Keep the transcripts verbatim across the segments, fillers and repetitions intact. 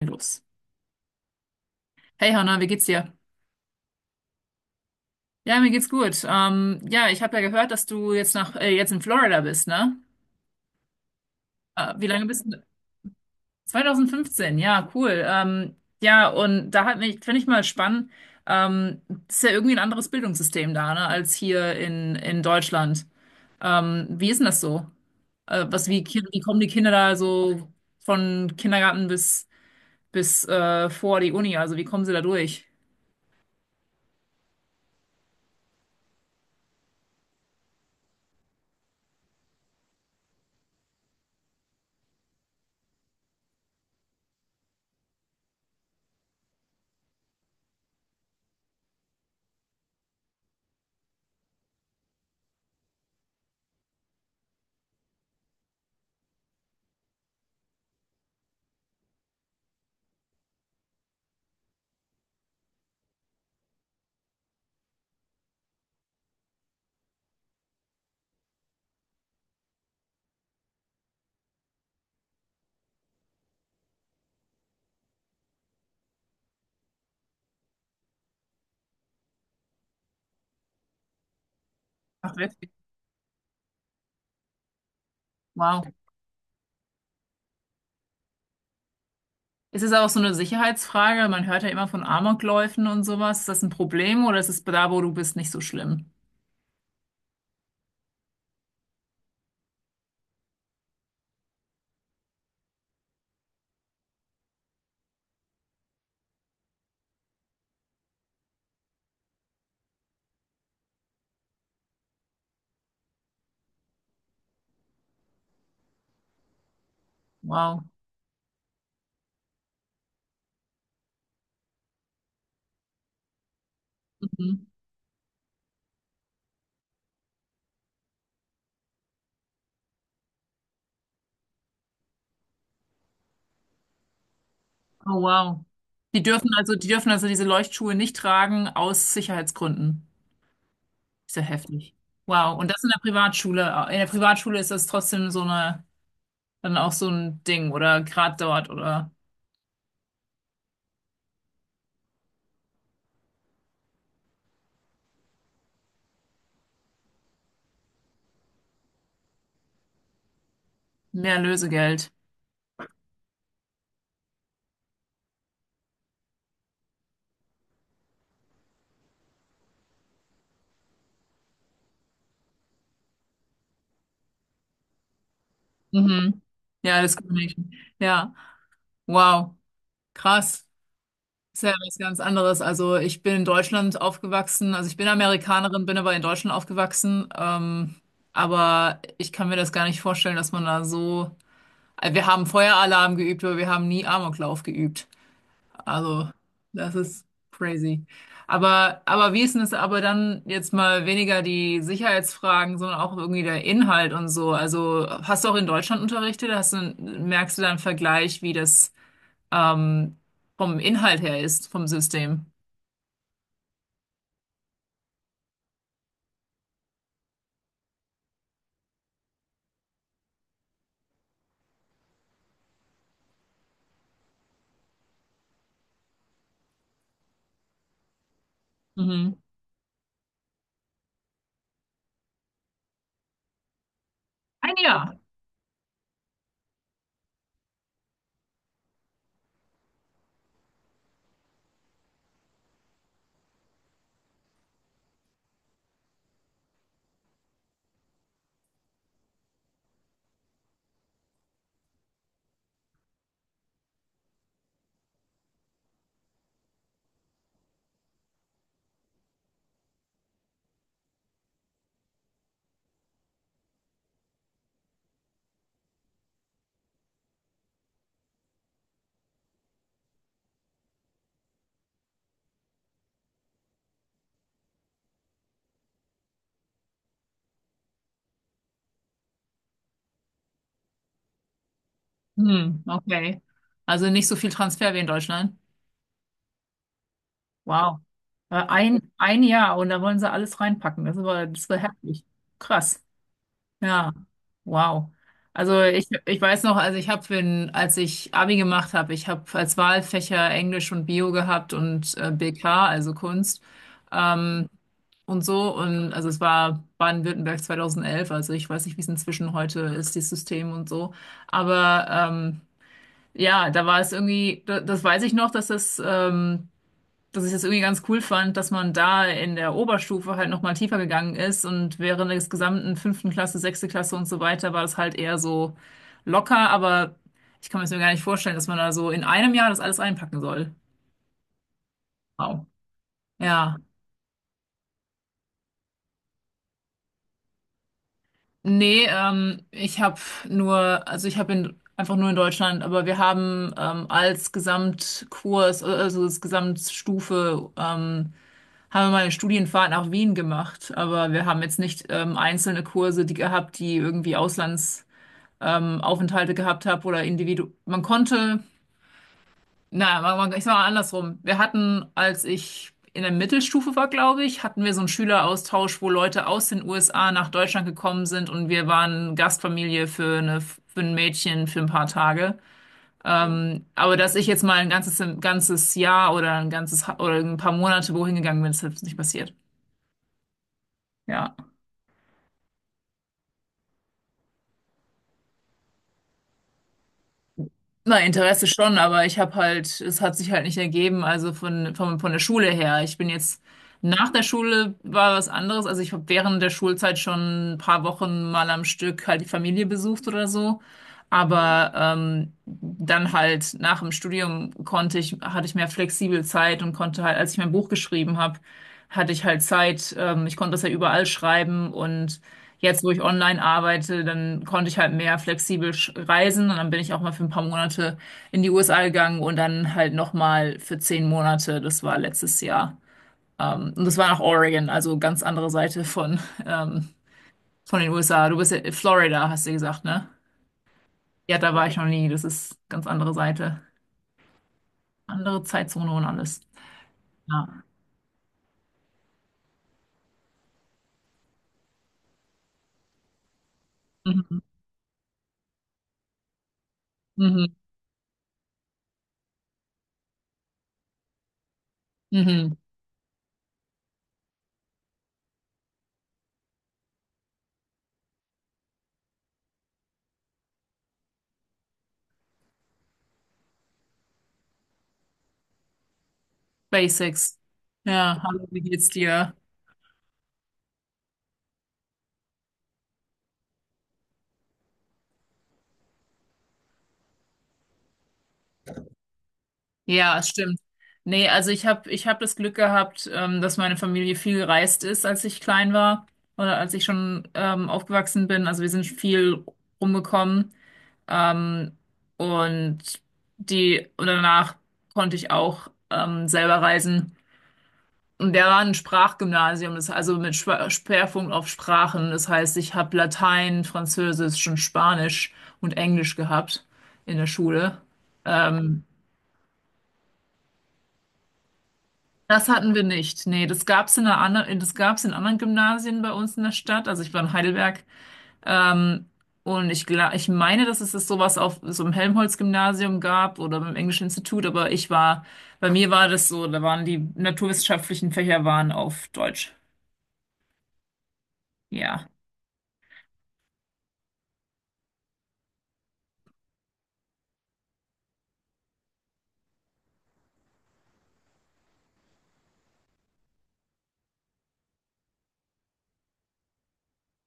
Los. Hey Hanna, wie geht's dir? Ja, mir geht's gut. Ähm, ja, ich habe ja gehört, dass du jetzt nach äh, jetzt in Florida bist, ne? Äh, wie lange bist du? zwanzig fünfzehn, ja, cool. Ähm, ja, und da hat mich, finde ich mal spannend, ähm, ist ja irgendwie ein anderes Bildungssystem da, ne, als hier in, in Deutschland. Ähm, wie ist denn das so? Äh, was, wie, Ki- wie kommen die Kinder da so von Kindergarten bis, bis äh, vor die Uni? Also wie kommen sie da durch? Ach, wirklich? Wow. Ist es auch so eine Sicherheitsfrage? Man hört ja immer von Amokläufen und sowas. Ist das ein Problem oder ist es da, wo du bist, nicht so schlimm? Wow. Mhm. Oh, wow. Die dürfen also, die dürfen also diese Leuchtschuhe nicht tragen aus Sicherheitsgründen. Ist ja heftig. Wow. Und das in der Privatschule. In der Privatschule ist das trotzdem so eine, dann auch so ein Ding oder gerade dort oder mehr Lösegeld. Mhm. Ja, das kann ich. Ja. Wow. Krass. Ist ja was ganz anderes. Also ich bin in Deutschland aufgewachsen, also ich bin Amerikanerin, bin aber in Deutschland aufgewachsen. Ähm, aber ich kann mir das gar nicht vorstellen, dass man da so. Äh, Wir haben Feueralarm geübt, aber wir haben nie Amoklauf geübt. Also das ist crazy. Aber, aber wie ist denn es aber dann jetzt mal weniger die Sicherheitsfragen, sondern auch irgendwie der Inhalt und so? Also hast du auch in Deutschland unterrichtet? Hast du, merkst du da einen Vergleich, wie das ähm, vom Inhalt her ist, vom System? Mhm. Ein Jahr. Hm, okay. Also nicht so viel Transfer wie in Deutschland. Wow. Äh, Ein, ein Jahr und da wollen sie alles reinpacken. Das war, das war heftig. Krass. Ja. Wow. Also ich, ich weiß noch, also ich habe, wenn, als ich Abi gemacht habe, ich habe als Wahlfächer Englisch und Bio gehabt und äh, B K, also Kunst. Ähm, und so. Und also es war Baden-Württemberg zweitausendelf, also ich weiß nicht, wie es inzwischen heute ist, das System und so. Aber ähm, ja, da war es irgendwie, da- das weiß ich noch, dass das, ähm, dass ich das irgendwie ganz cool fand, dass man da in der Oberstufe halt nochmal tiefer gegangen ist und während des gesamten fünften Klasse, sechste Klasse und so weiter war das halt eher so locker, aber ich kann mir das mir gar nicht vorstellen, dass man da so in einem Jahr das alles einpacken soll. Wow. Ja. Nee, ähm, ich habe nur, also ich habe in einfach nur in Deutschland, aber wir haben ähm, als Gesamtkurs, also als Gesamtstufe ähm, haben wir mal eine Studienfahrt nach Wien gemacht, aber wir haben jetzt nicht ähm, einzelne Kurse, die gehabt, die irgendwie Auslandsaufenthalte ähm, Aufenthalte gehabt haben oder Individu. Man konnte, naja, man, man, ich sag mal andersrum. Wir hatten, als ich in der Mittelstufe war, glaube ich, hatten wir so einen Schüleraustausch, wo Leute aus den U S A nach Deutschland gekommen sind und wir waren Gastfamilie für eine für ein Mädchen für ein paar Tage. Mhm. Ähm, aber dass ich jetzt mal ein ganzes, ein ganzes Jahr oder ein ganzes Ha- oder ein paar Monate wohin gegangen bin, ist jetzt nicht passiert. Ja. Na, Interesse schon, aber ich habe halt, es hat sich halt nicht ergeben, also von, von, von der Schule her. Ich bin jetzt, nach der Schule war was anderes, also ich habe während der Schulzeit schon ein paar Wochen mal am Stück halt die Familie besucht oder so. Aber ähm, dann halt nach dem Studium konnte ich, hatte ich mehr flexibel Zeit und konnte halt, als ich mein Buch geschrieben habe, hatte ich halt Zeit, ähm, ich konnte das ja überall schreiben und jetzt, wo ich online arbeite, dann konnte ich halt mehr flexibel sch- reisen und dann bin ich auch mal für ein paar Monate in die U S A gegangen und dann halt nochmal für zehn Monate. Das war letztes Jahr. Ähm, und das war nach Oregon, also ganz andere Seite von, ähm, von den U S A. Du bist ja in Florida, hast du gesagt, ne? Ja, da war ich noch nie. Das ist ganz andere Seite. Andere Zeitzone und alles. Ja. Mhm. Mhm. Mhm. Mhm. Basics. Ja, hallo, wie geht's dir? Ja, es stimmt. Nee, also ich habe ich hab das Glück gehabt, ähm, dass meine Familie viel gereist ist, als ich klein war oder als ich schon ähm, aufgewachsen bin. Also wir sind viel rumgekommen. Ähm, und die und danach konnte ich auch ähm, selber reisen. Und der war ein Sprachgymnasium, das also mit Schwa- Schwerpunkt auf Sprachen. Das heißt, ich habe Latein, Französisch und Spanisch und Englisch gehabt in der Schule. Ähm, Das hatten wir nicht. Nee, das gab's in einer anderen, das gab's in anderen Gymnasien bei uns in der Stadt. Also ich war in Heidelberg. Ähm, und ich, gla- ich meine, dass es das sowas auf so einem Helmholtz-Gymnasium gab oder beim Englischen Institut, aber ich war, bei mir war das so, da waren die naturwissenschaftlichen Fächer waren auf Deutsch. Ja.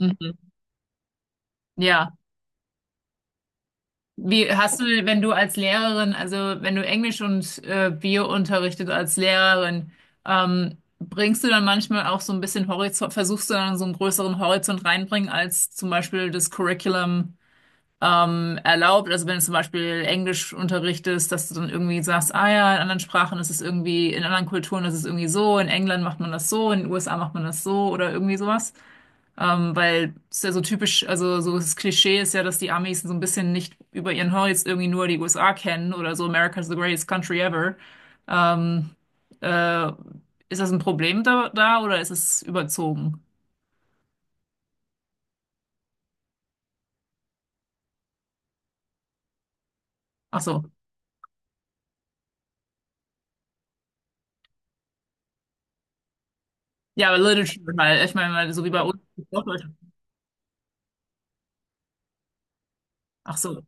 Mhm. Ja. Wie hast du, wenn du als Lehrerin, also wenn du Englisch und äh, Bio unterrichtet als Lehrerin, ähm, bringst du dann manchmal auch so ein bisschen Horizont, versuchst du dann so einen größeren Horizont reinbringen, als zum Beispiel das Curriculum ähm, erlaubt? Also wenn du zum Beispiel Englisch unterrichtest, dass du dann irgendwie sagst, ah ja, in anderen Sprachen ist es irgendwie, in anderen Kulturen ist es irgendwie so, in England macht man das so, in den U S A macht man das so oder irgendwie sowas. Ähm, weil es ist ja so typisch, also so das Klischee ist ja, dass die Amis so ein bisschen nicht über ihren Horizont irgendwie nur die U S A kennen oder so America's the greatest country ever. Ähm, äh, ist das ein Problem da, da oder ist es überzogen? Ach so. Ja, aber Literature halt. Ich meine, weil so wie bei uns in Deutschland. Ach so.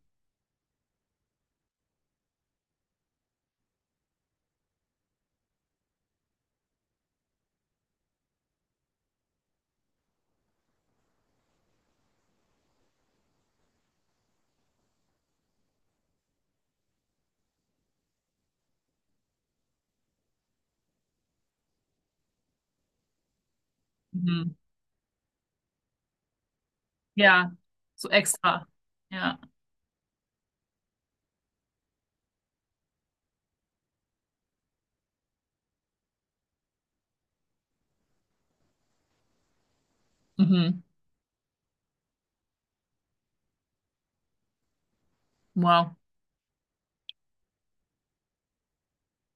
Mhm. Ja, so extra. Ja. Mhm. Wow.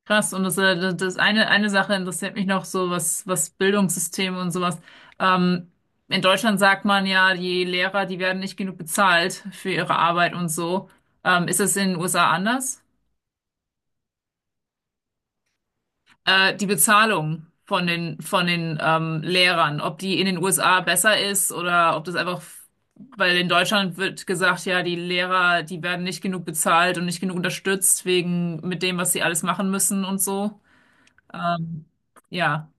Krass, und das, äh, das eine, eine Sache interessiert mich noch so, was, was Bildungssysteme und sowas. Ähm, in Deutschland sagt man ja, die Lehrer, die werden nicht genug bezahlt für ihre Arbeit und so. Ähm, ist das in den U S A anders? Äh, die Bezahlung von den, von den ähm, Lehrern, ob die in den U S A besser ist oder ob das einfach, weil in Deutschland wird gesagt, ja, die Lehrer, die werden nicht genug bezahlt und nicht genug unterstützt wegen mit dem, was sie alles machen müssen und so. Ähm, ja,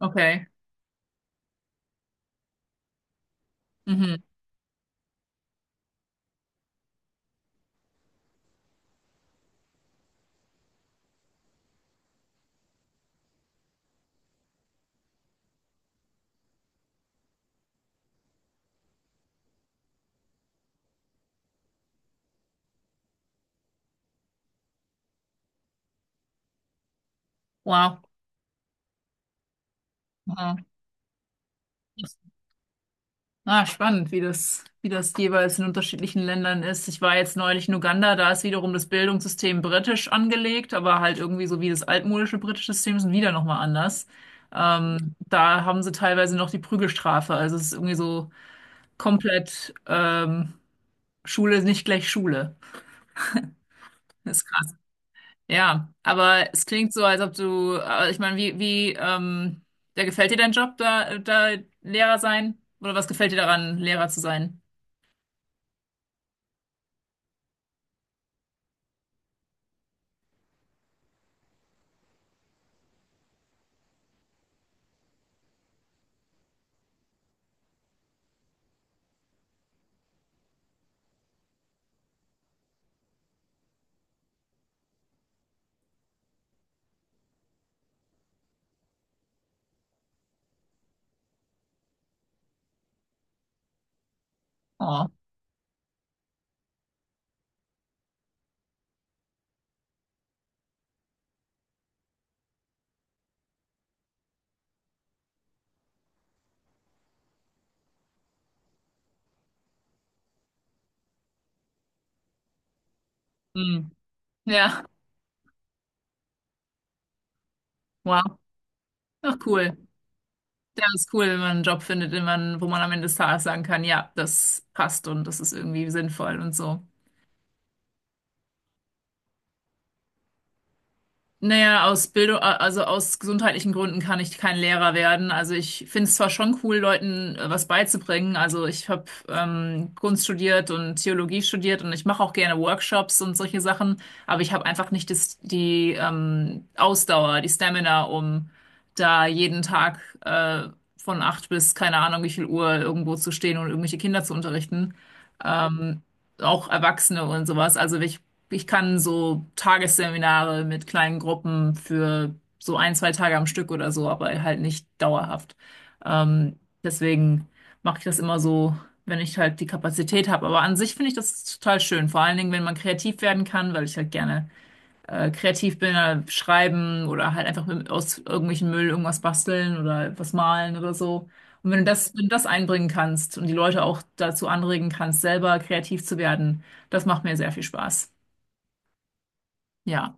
okay. Mhm. Wow. Aha. Ah, spannend, wie das, wie das jeweils in unterschiedlichen Ländern ist. Ich war jetzt neulich in Uganda, da ist wiederum das Bildungssystem britisch angelegt, aber halt irgendwie so wie das altmodische britische System ist wieder nochmal anders. Ähm, da haben sie teilweise noch die Prügelstrafe. Also es ist irgendwie so komplett ähm, Schule ist nicht gleich Schule. Das ist krass. Ja, aber es klingt so, als ob du, äh, ich meine, wie, wie, ähm, da gefällt dir dein Job, da, da Lehrer sein? Oder was gefällt dir daran, Lehrer zu sein? Oh. Hm. Ja, wow. Ach, cool. Ja, ist cool, wenn man einen Job findet, den man, wo man am Ende des Tages sagen kann, ja, das passt und das ist irgendwie sinnvoll und so. Naja, aus Bildung, also aus gesundheitlichen Gründen kann ich kein Lehrer werden. Also ich finde es zwar schon cool, Leuten äh, was beizubringen. Also ich habe ähm, Kunst studiert und Theologie studiert und ich mache auch gerne Workshops und solche Sachen, aber ich habe einfach nicht das, die ähm, Ausdauer, die Stamina, um da jeden Tag äh, von acht bis keine Ahnung wie viel Uhr irgendwo zu stehen und irgendwelche Kinder zu unterrichten. Ähm, auch Erwachsene und sowas. Also ich ich kann so Tagesseminare mit kleinen Gruppen für so ein, zwei Tage am Stück oder so, aber halt nicht dauerhaft. Ähm, deswegen mache ich das immer so, wenn ich halt die Kapazität habe. Aber an sich finde ich das total schön. Vor allen Dingen, wenn man kreativ werden kann, weil ich halt gerne äh, kreativ bin, äh, schreiben oder halt einfach mit, aus irgendwelchen Müll irgendwas basteln oder was malen oder so. Und wenn du das, wenn du das einbringen kannst und die Leute auch dazu anregen kannst, selber kreativ zu werden, das macht mir sehr viel Spaß. Ja.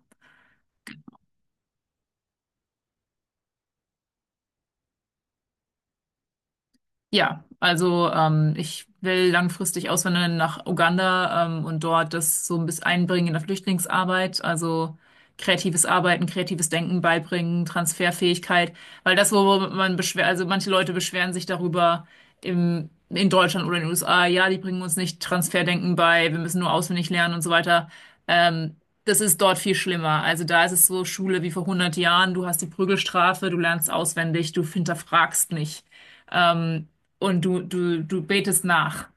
Ja, also ähm, ich will langfristig auswandern nach Uganda ähm, und dort das so ein bisschen einbringen in der Flüchtlingsarbeit, also kreatives Arbeiten, kreatives Denken beibringen, Transferfähigkeit, weil das, wo man beschwer, also manche Leute beschweren sich darüber im, in Deutschland oder in den U S A, ja, die bringen uns nicht Transferdenken bei, wir müssen nur auswendig lernen und so weiter. Ähm, das ist dort viel schlimmer. Also da ist es so Schule wie vor hundert Jahren, du hast die Prügelstrafe, du lernst auswendig, du hinterfragst nicht. Ähm, und du, du, du betest nach.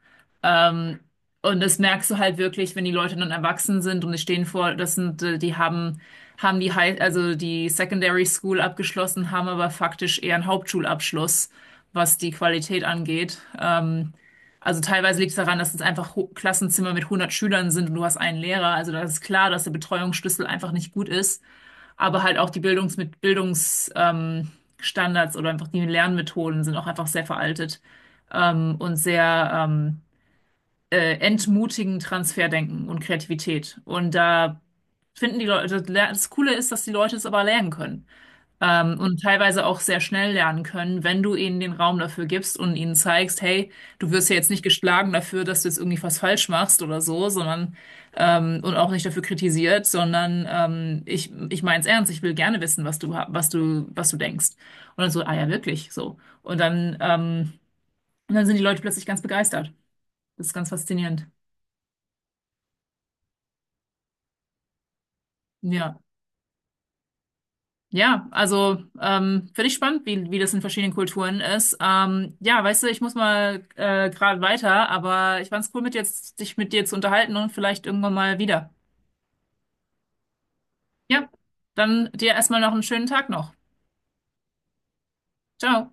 Ähm, und das merkst du halt wirklich, wenn die Leute dann erwachsen sind und die stehen vor, das sind, äh, die haben, haben die High, also die Secondary School abgeschlossen, haben aber faktisch eher einen Hauptschulabschluss, was die Qualität angeht. Ähm, also teilweise liegt es daran, dass es einfach Ho- Klassenzimmer mit hundert Schülern sind und du hast einen Lehrer. Also da ist klar, dass der Betreuungsschlüssel einfach nicht gut ist. Aber halt auch die Bildungs mit Bildungs, ähm, Standards oder einfach die Lernmethoden sind auch einfach sehr veraltet, ähm, und sehr, ähm, äh, entmutigen Transferdenken und Kreativität. Und da finden die Leute, das Coole ist, dass die Leute es aber lernen können. Ähm, und teilweise auch sehr schnell lernen können, wenn du ihnen den Raum dafür gibst und ihnen zeigst, hey, du wirst ja jetzt nicht geschlagen dafür, dass du jetzt irgendwie was falsch machst oder so, sondern ähm, und auch nicht dafür kritisiert, sondern ähm, ich, ich meine es ernst, ich will gerne wissen, was du, ha- was du, was du denkst. Und dann so, ah ja, wirklich, so. Und dann, ähm, und dann sind die Leute plötzlich ganz begeistert. Das ist ganz faszinierend. Ja. Ja, also ähm, finde ich spannend, wie, wie das in verschiedenen Kulturen ist. Ähm, ja, weißt du, ich muss mal äh, gerade weiter, aber ich fand's cool, mit jetzt, dich mit dir zu unterhalten und vielleicht irgendwann mal wieder. Ja, dann dir erstmal noch einen schönen Tag noch. Ciao.